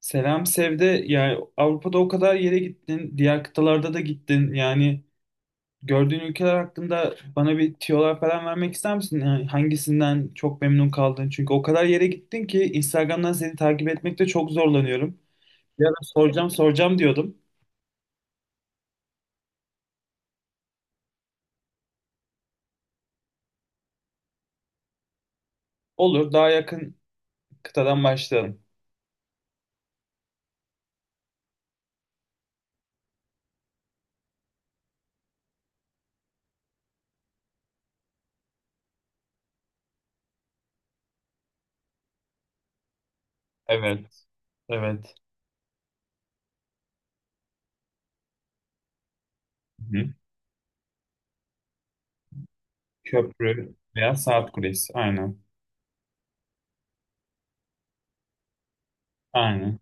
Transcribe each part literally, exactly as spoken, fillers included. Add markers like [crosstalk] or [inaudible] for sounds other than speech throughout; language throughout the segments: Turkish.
Selam Sevde, yani Avrupa'da o kadar yere gittin, diğer kıtalarda da gittin. Yani gördüğün ülkeler hakkında bana bir tiyolar falan vermek ister misin? Yani hangisinden çok memnun kaldın? Çünkü o kadar yere gittin ki Instagram'dan seni takip etmekte çok zorlanıyorum. Ya da soracağım soracağım diyordum. Olur, daha yakın kıtadan başlayalım. Evet, evet. Hı. Köprü veya saat kulesi, aynen. Aynen.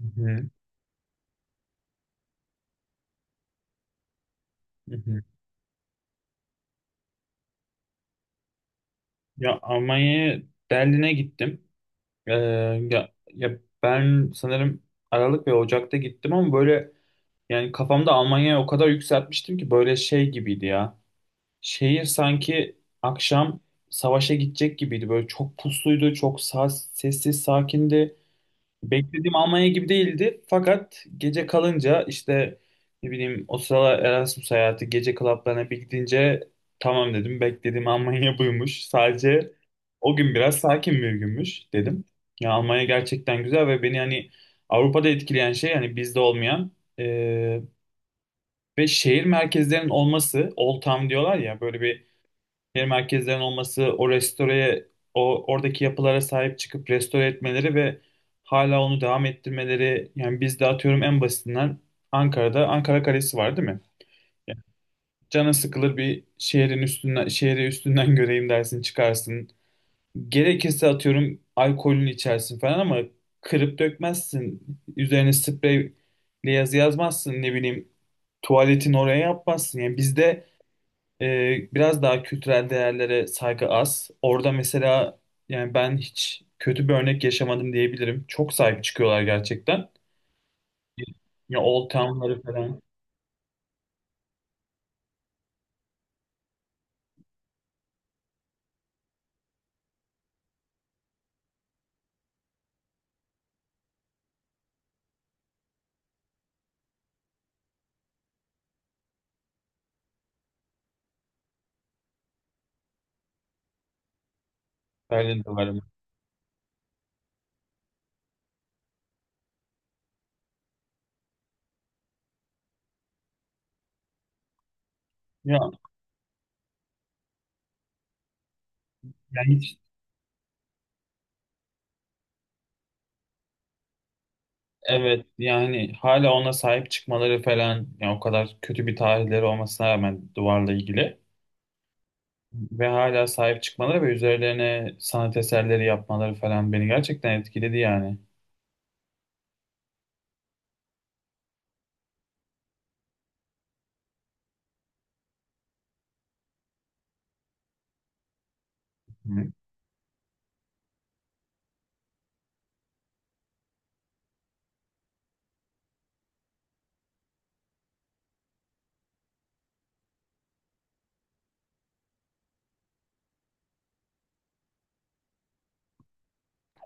Hı hı. Hı hı. Ya Almanya'ya Berlin'e gittim. Ee, ya, ya ben sanırım Aralık ve Ocak'ta gittim ama böyle yani kafamda Almanya'ya o kadar yükseltmiştim ki böyle şey gibiydi ya. Şehir sanki akşam savaşa gidecek gibiydi. Böyle çok pusluydu, çok sa- sessiz, sakindi. Beklediğim Almanya gibi değildi. Fakat gece kalınca işte ne bileyim o sıralar Erasmus hayatı gece klaplarına bir gidince tamam dedim. Beklediğim Almanya [laughs] buymuş. Sadece o gün biraz sakin bir günmüş dedim. Ya Almanya gerçekten güzel ve beni hani Avrupa'da etkileyen şey hani bizde olmayan e, ve şehir merkezlerinin olması, Old Town diyorlar ya böyle bir şehir merkezlerinin olması, o restoreye, o oradaki yapılara sahip çıkıp restore etmeleri ve hala onu devam ettirmeleri. Yani biz de atıyorum en basitinden Ankara'da Ankara Kalesi var değil mi? Canın sıkılır bir şehrin üstünden, şehri üstünden [laughs] göreyim dersin çıkarsın. Gerekirse atıyorum alkolünü içersin falan ama kırıp dökmezsin. Üzerine spreyle yazı yazmazsın, ne bileyim, tuvaletin oraya yapmazsın. Yani bizde e, biraz daha kültürel değerlere saygı az. Orada mesela yani ben hiç kötü bir örnek yaşamadım diyebilirim. Çok sahip çıkıyorlar gerçekten. Ya Old Town'ları falan öyle diyorlar. Ya yani hiç evet, yani hala ona sahip çıkmaları falan, yani o kadar kötü bir tarihleri olmasına rağmen duvarla ilgili ve hala sahip çıkmaları ve üzerlerine sanat eserleri yapmaları falan beni gerçekten etkiledi yani. Hı.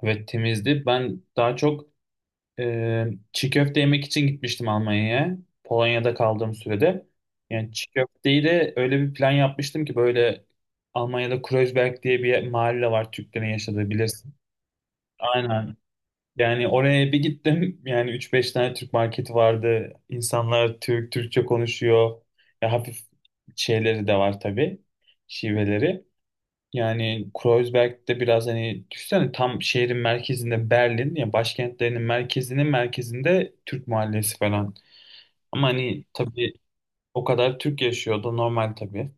Ve temizdi. Ben daha çok Ee, çiğ köfte yemek için gitmiştim Almanya'ya. Polonya'da kaldığım sürede. Yani çiğ köfteyi de öyle bir plan yapmıştım ki böyle Almanya'da Kreuzberg diye bir yer- mahalle var, Türklerin yaşadığı, bilirsin. Aynen. Yani oraya bir gittim. Yani üç beş tane Türk marketi vardı. İnsanlar Türk, Türkçe konuşuyor. Ya hafif şeyleri de var tabii. Şiveleri. Yani Kreuzberg'de biraz, hani düşünsene, tam şehrin merkezinde, Berlin ya, başkentlerinin merkezinin merkezinde Türk mahallesi falan. Ama hani tabii o kadar Türk yaşıyor da, normal tabii.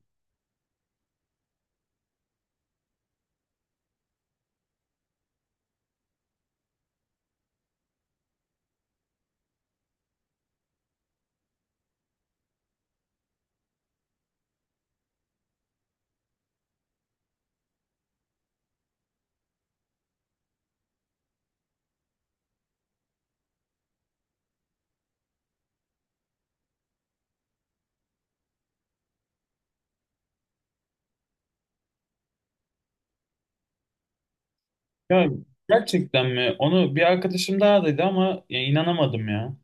Ya gerçekten mi? Onu bir arkadaşım daha dedi ama ya inanamadım ya.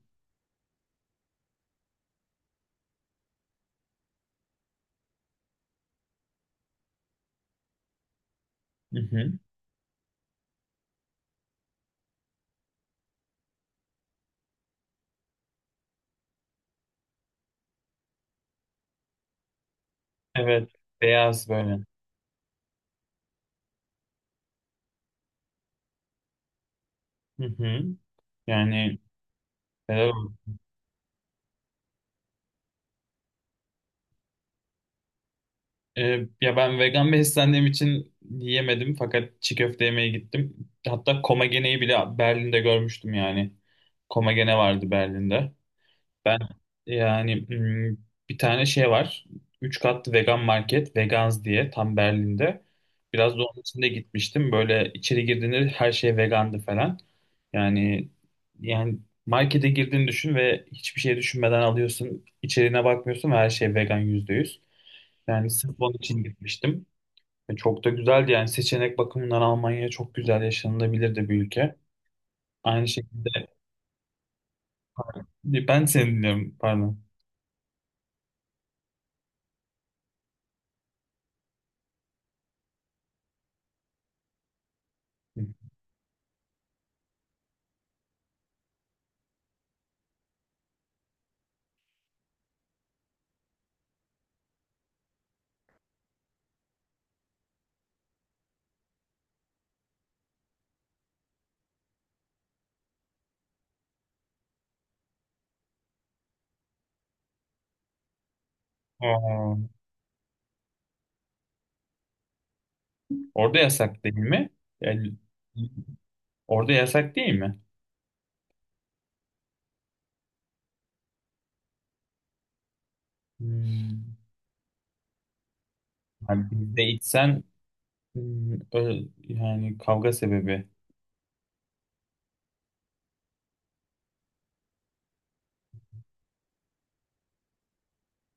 Hı hı. Evet. Beyaz böyle. Hı hı. Yani helal. Ee, ya ben vegan beslendiğim için yiyemedim fakat çiğ köfte yemeye gittim. Hatta Komagene'yi bile Berlin'de görmüştüm yani. Komagene vardı Berlin'de. Ben yani hmm, bir tane şey var. Üç katlı vegan market, Vegans diye, tam Berlin'de. Biraz da onun içinde gitmiştim. Böyle içeri girdiğinde her şey vegandı falan. Yani yani markete girdiğini düşün ve hiçbir şey düşünmeden alıyorsun. İçeriğine bakmıyorsun ve her şey vegan, yüzde yüz. Yani sırf onun için gitmiştim. Ve çok da güzeldi yani, seçenek bakımından Almanya çok güzel, yaşanılabilir de bir ülke. Aynı şekilde ben seni dinliyorum, pardon. Aa, orada yasak değil mi? Yani, orada yasak değil mi? Hmm. Yani bizde içsen hmm, ö- yani kavga sebebi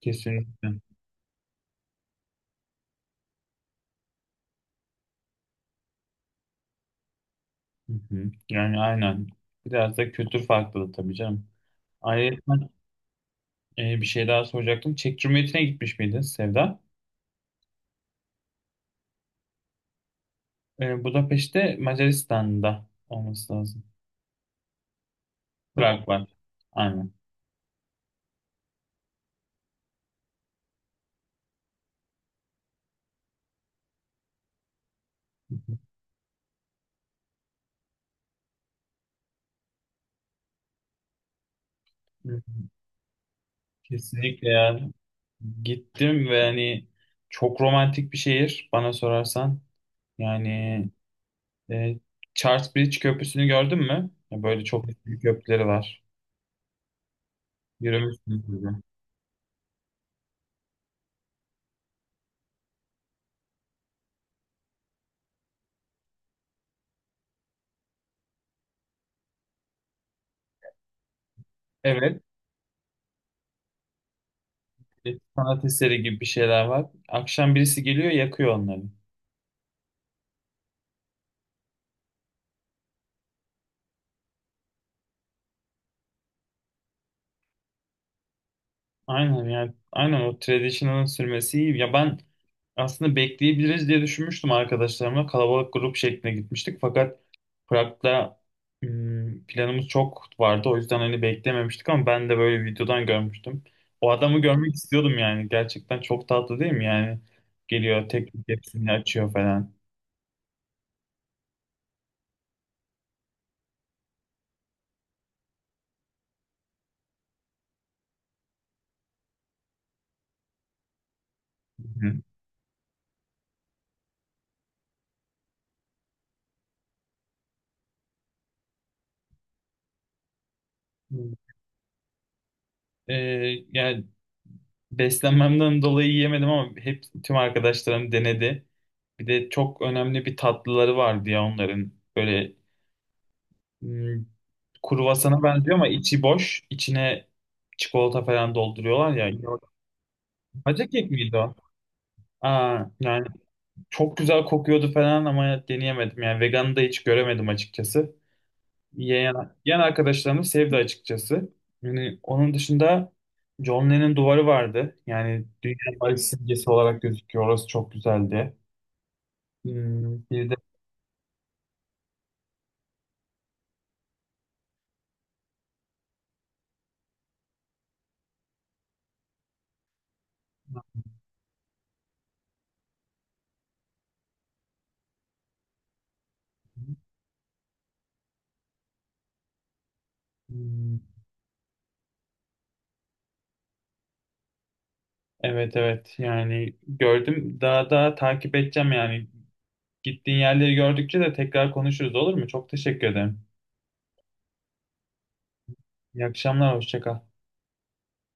kesinlikle. Hı hı. Yani aynen. Biraz da kültür farklılığı tabii canım. Ayrıca e, bir şey daha soracaktım. Çek Cumhuriyeti'ne gitmiş miydin Sevda? E, Budapeşte Macaristan'da olması lazım. Tamam. Prag var. Aynen. Hı. Kesinlikle, yani gittim ve hani çok romantik bir şehir bana sorarsan. Yani e, Charles Bridge Köprüsü'nü gördün mü? Ya böyle çok büyük köprüleri var. Yürümüşsün. Evet. Bir sanat eseri gibi bir şeyler var. Akşam birisi geliyor, yakıyor onları. Aynen, yani aynen o traditional'ın sürmesi iyi. Ya ben aslında bekleyebiliriz diye düşünmüştüm arkadaşlarımla. Kalabalık grup şeklinde gitmiştik. Fakat Prag'da hmm, planımız çok vardı. O yüzden hani beklememiştik ama ben de böyle videodan görmüştüm. O adamı görmek istiyordum yani. Gerçekten çok tatlı değil mi? Yani geliyor, tek hepsini açıyor falan. Hı hı. Ee, yani beslenmemden dolayı yiyemedim ama hep tüm arkadaşlarım denedi. Bir de çok önemli bir tatlıları vardı ya onların. Böyle hmm, kruvasana benziyor ama içi boş. İçine çikolata falan dolduruyorlar ya. Acı kek miydi o? Aa, yani çok güzel kokuyordu falan ama deneyemedim. Yani veganı da hiç göremedim açıkçası. Yeğen, yeğen arkadaşlarımı sevdi açıkçası. Yani onun dışında John Lennon duvarı vardı. Yani dünya barış simgesi olarak gözüküyor. Orası çok güzeldi. Hmm, bir de hmm, evet, evet, yani gördüm. Daha daha takip edeceğim yani. Gittiğin yerleri gördükçe de tekrar konuşuruz, olur mu? Çok teşekkür ederim. İyi akşamlar, hoşça kal.